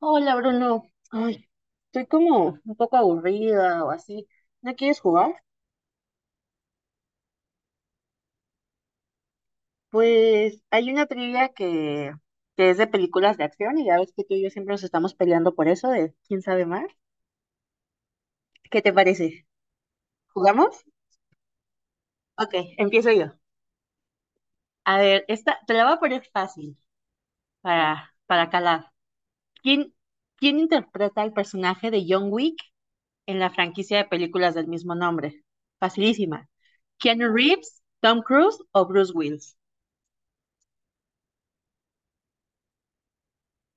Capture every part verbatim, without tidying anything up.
Hola Bruno, ay, estoy como un poco aburrida o así. ¿No quieres jugar? Pues hay una trivia que, que es de películas de acción y ya ves que tú y yo siempre nos estamos peleando por eso de quién sabe más. ¿Qué te parece? ¿Jugamos? Ok, empiezo yo. A ver, esta te la voy a poner fácil para, para calar. ¿Quién, quién interpreta el personaje de John Wick en la franquicia de películas del mismo nombre? Facilísima. ¿Keanu Reeves, Tom Cruise o Bruce Willis?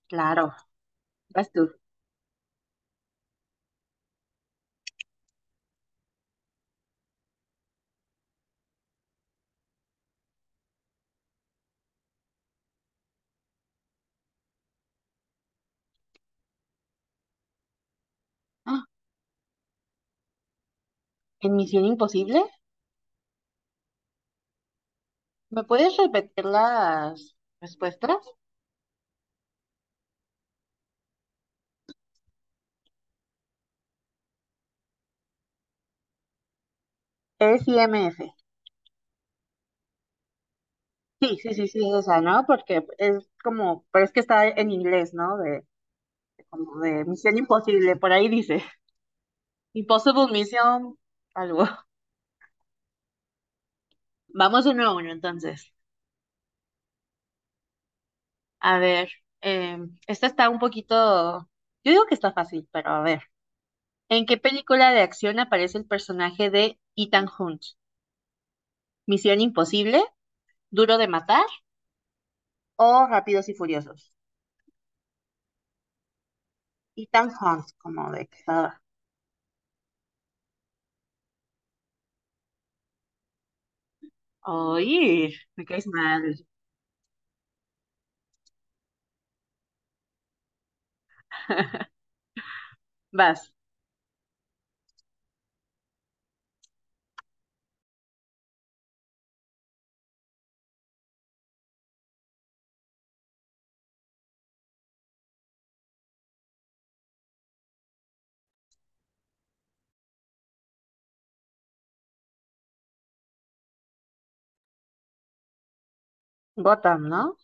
Claro. Vas tú. ¡Ah! ¿En Misión Imposible? ¿Me puedes repetir las respuestas? Es I M F. Sí, sí, sí, sí, es esa, ¿no? Porque es como, pero es que está en inglés, ¿no? De, como de Misión Imposible, por ahí dice. Impossible Mission, algo. Vamos uno a uno, entonces. A ver, eh, esta está un poquito, yo digo que está fácil, pero a ver. ¿En qué película de acción aparece el personaje de Ethan Hunt? ¿Misión Imposible? ¿Duro de matar o Rápidos y Furiosos? Ethan Hunt como de cazador. Oye, me caes mal. Vas. Gotham, ¿no?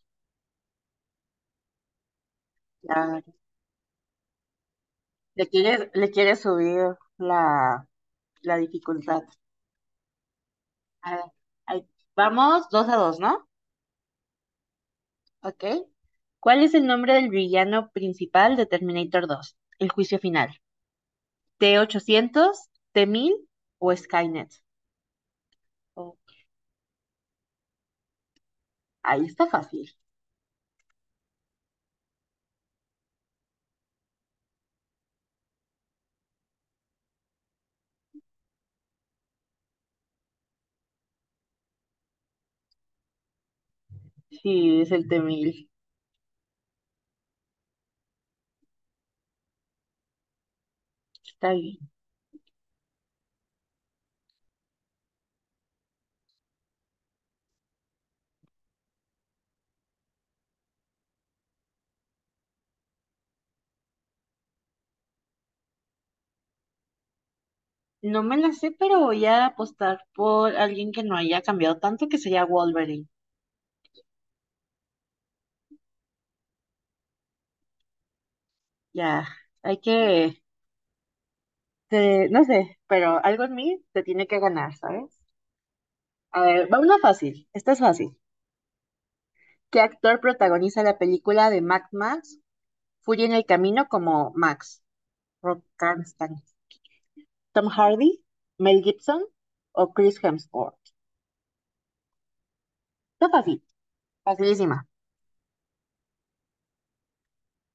Ya, le quieres, le quieres subir la, la dificultad. A ver, ahí- vamos, dos a dos, ¿no? Ok. ¿Cuál es el nombre del villano principal de Terminator dos, El juicio final? ¿T ochocientos, T mil o Skynet? Oh, ahí está fácil. Sí, es el T mil. Está bien. No me la sé, pero voy a apostar por alguien que no haya cambiado tanto, que sería Wolverine. Ya, hay que, te- no sé, pero algo en mí te tiene que ganar, ¿sabes? A ver, va una fácil, esta es fácil. ¿Qué actor protagoniza la película de Mad Max, Furia en el Camino como Max? Rob Karnstein. ¿Tom Hardy, Mel Gibson o Chris Hemsworth? Está fácil, facilísima.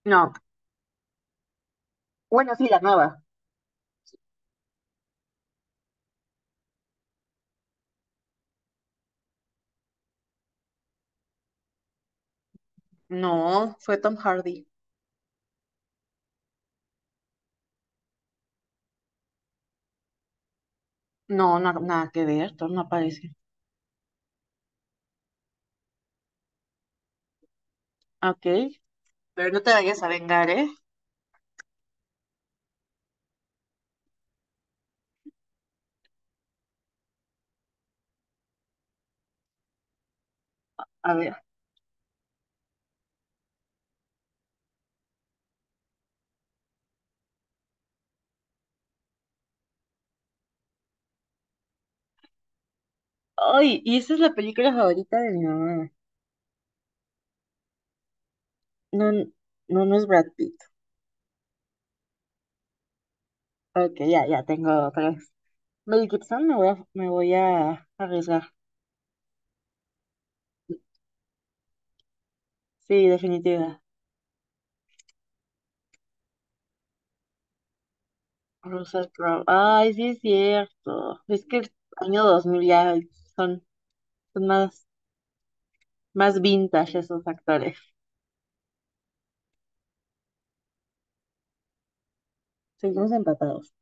No, bueno, sí, la nueva. No, fue Tom Hardy. No, no, nada que ver, Tom no aparece. Ok. Pero no te vayas a vengar, ¿eh? A ver. Ay, y esa es la película favorita de mi mamá. No, no, no es Brad Pitt. Ok, ya, ya tengo tres. Mel Gibson, me voy a, me voy a arriesgar. Sí, definitiva. Russell Crowe. Ay, sí es cierto. Es que el año dos mil ya son, son más, más vintage esos actores. Seguimos empatados.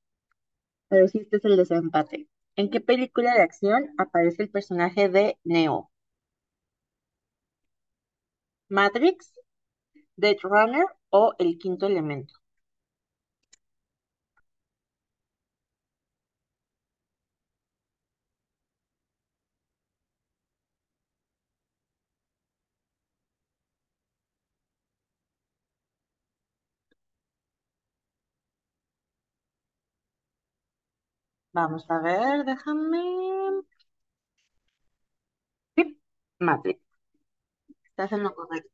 Pero sí, este es el desempate. ¿En qué película de acción aparece el personaje de Neo? ¿Matrix, Dead Runner o El Quinto Elemento? Vamos a ver, déjame. Sí, Matrix. Estás en lo correcto.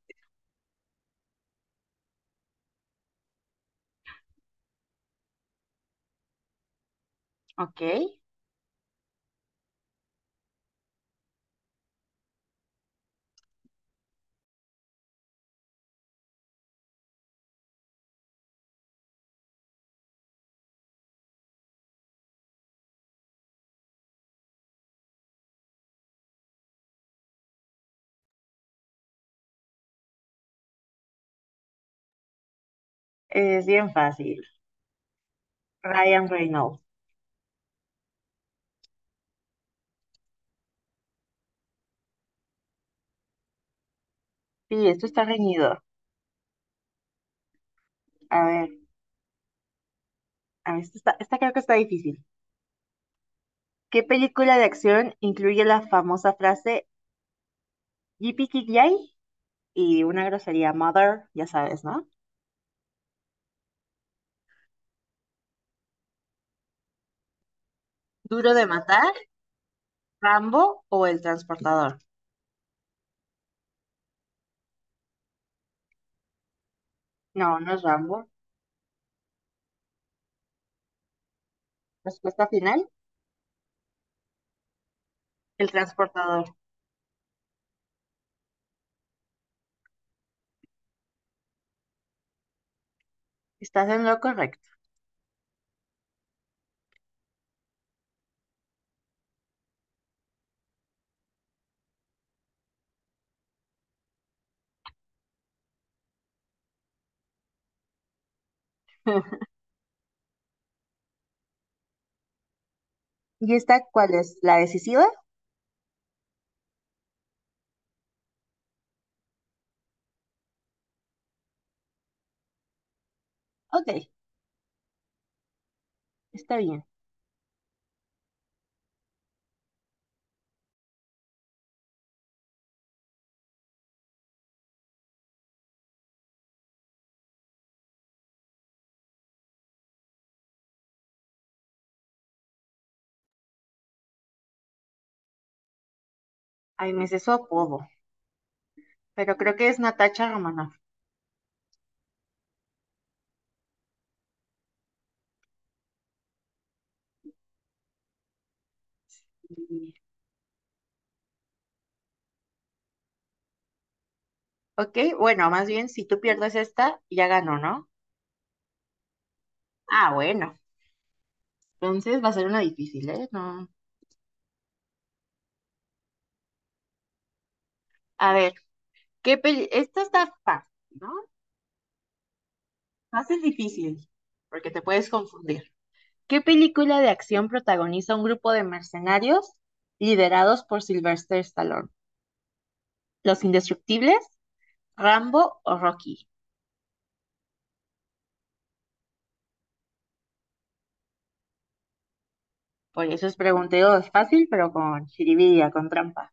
Ok. Es bien fácil. Ryan Reynolds. Sí, esto está reñido. A ver, a ver, esta, está- esta creo que está difícil. ¿Qué película de acción incluye la famosa frase "yippee Ki Yay" y una grosería mother, ya sabes, ¿no? ¿Duro de matar, Rambo o El Transportador? No, no es Rambo. Respuesta final, El Transportador. Estás en lo correcto. ¿Y esta cuál es? ¿La decisiva? Ok, está bien. Ay, me sé su apodo, pero creo que es Natacha Romanoff. Y- Ok, bueno, más bien si tú pierdes esta, ya ganó, ¿no? Ah, bueno. Entonces va a ser una difícil, ¿eh? No. A ver, ¿qué peli... esta está fácil, ¿no? Fácil difícil, porque te puedes confundir. ¿Qué película de acción protagoniza un grupo de mercenarios liderados por Sylvester Stallone? ¿Los Indestructibles, Rambo o Rocky? Oye, eso es pregunteo fácil, pero con jiribilla, con trampa.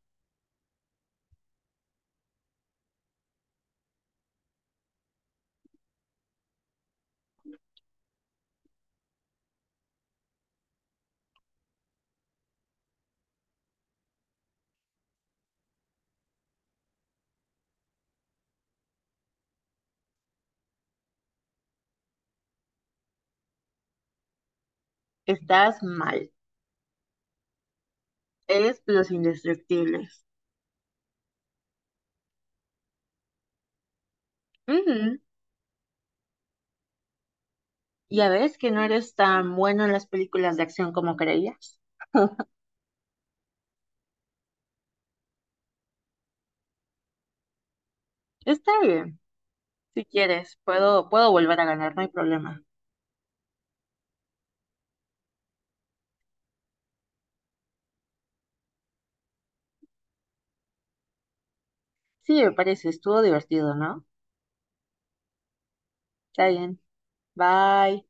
Estás mal. Eres los indestructibles. Ujú. Ya ves que no eres tan bueno en las películas de acción como creías. Está bien. Si quieres, puedo, puedo volver a ganar, no hay problema. Sí, me parece, estuvo divertido, ¿no? Está bien. Bye.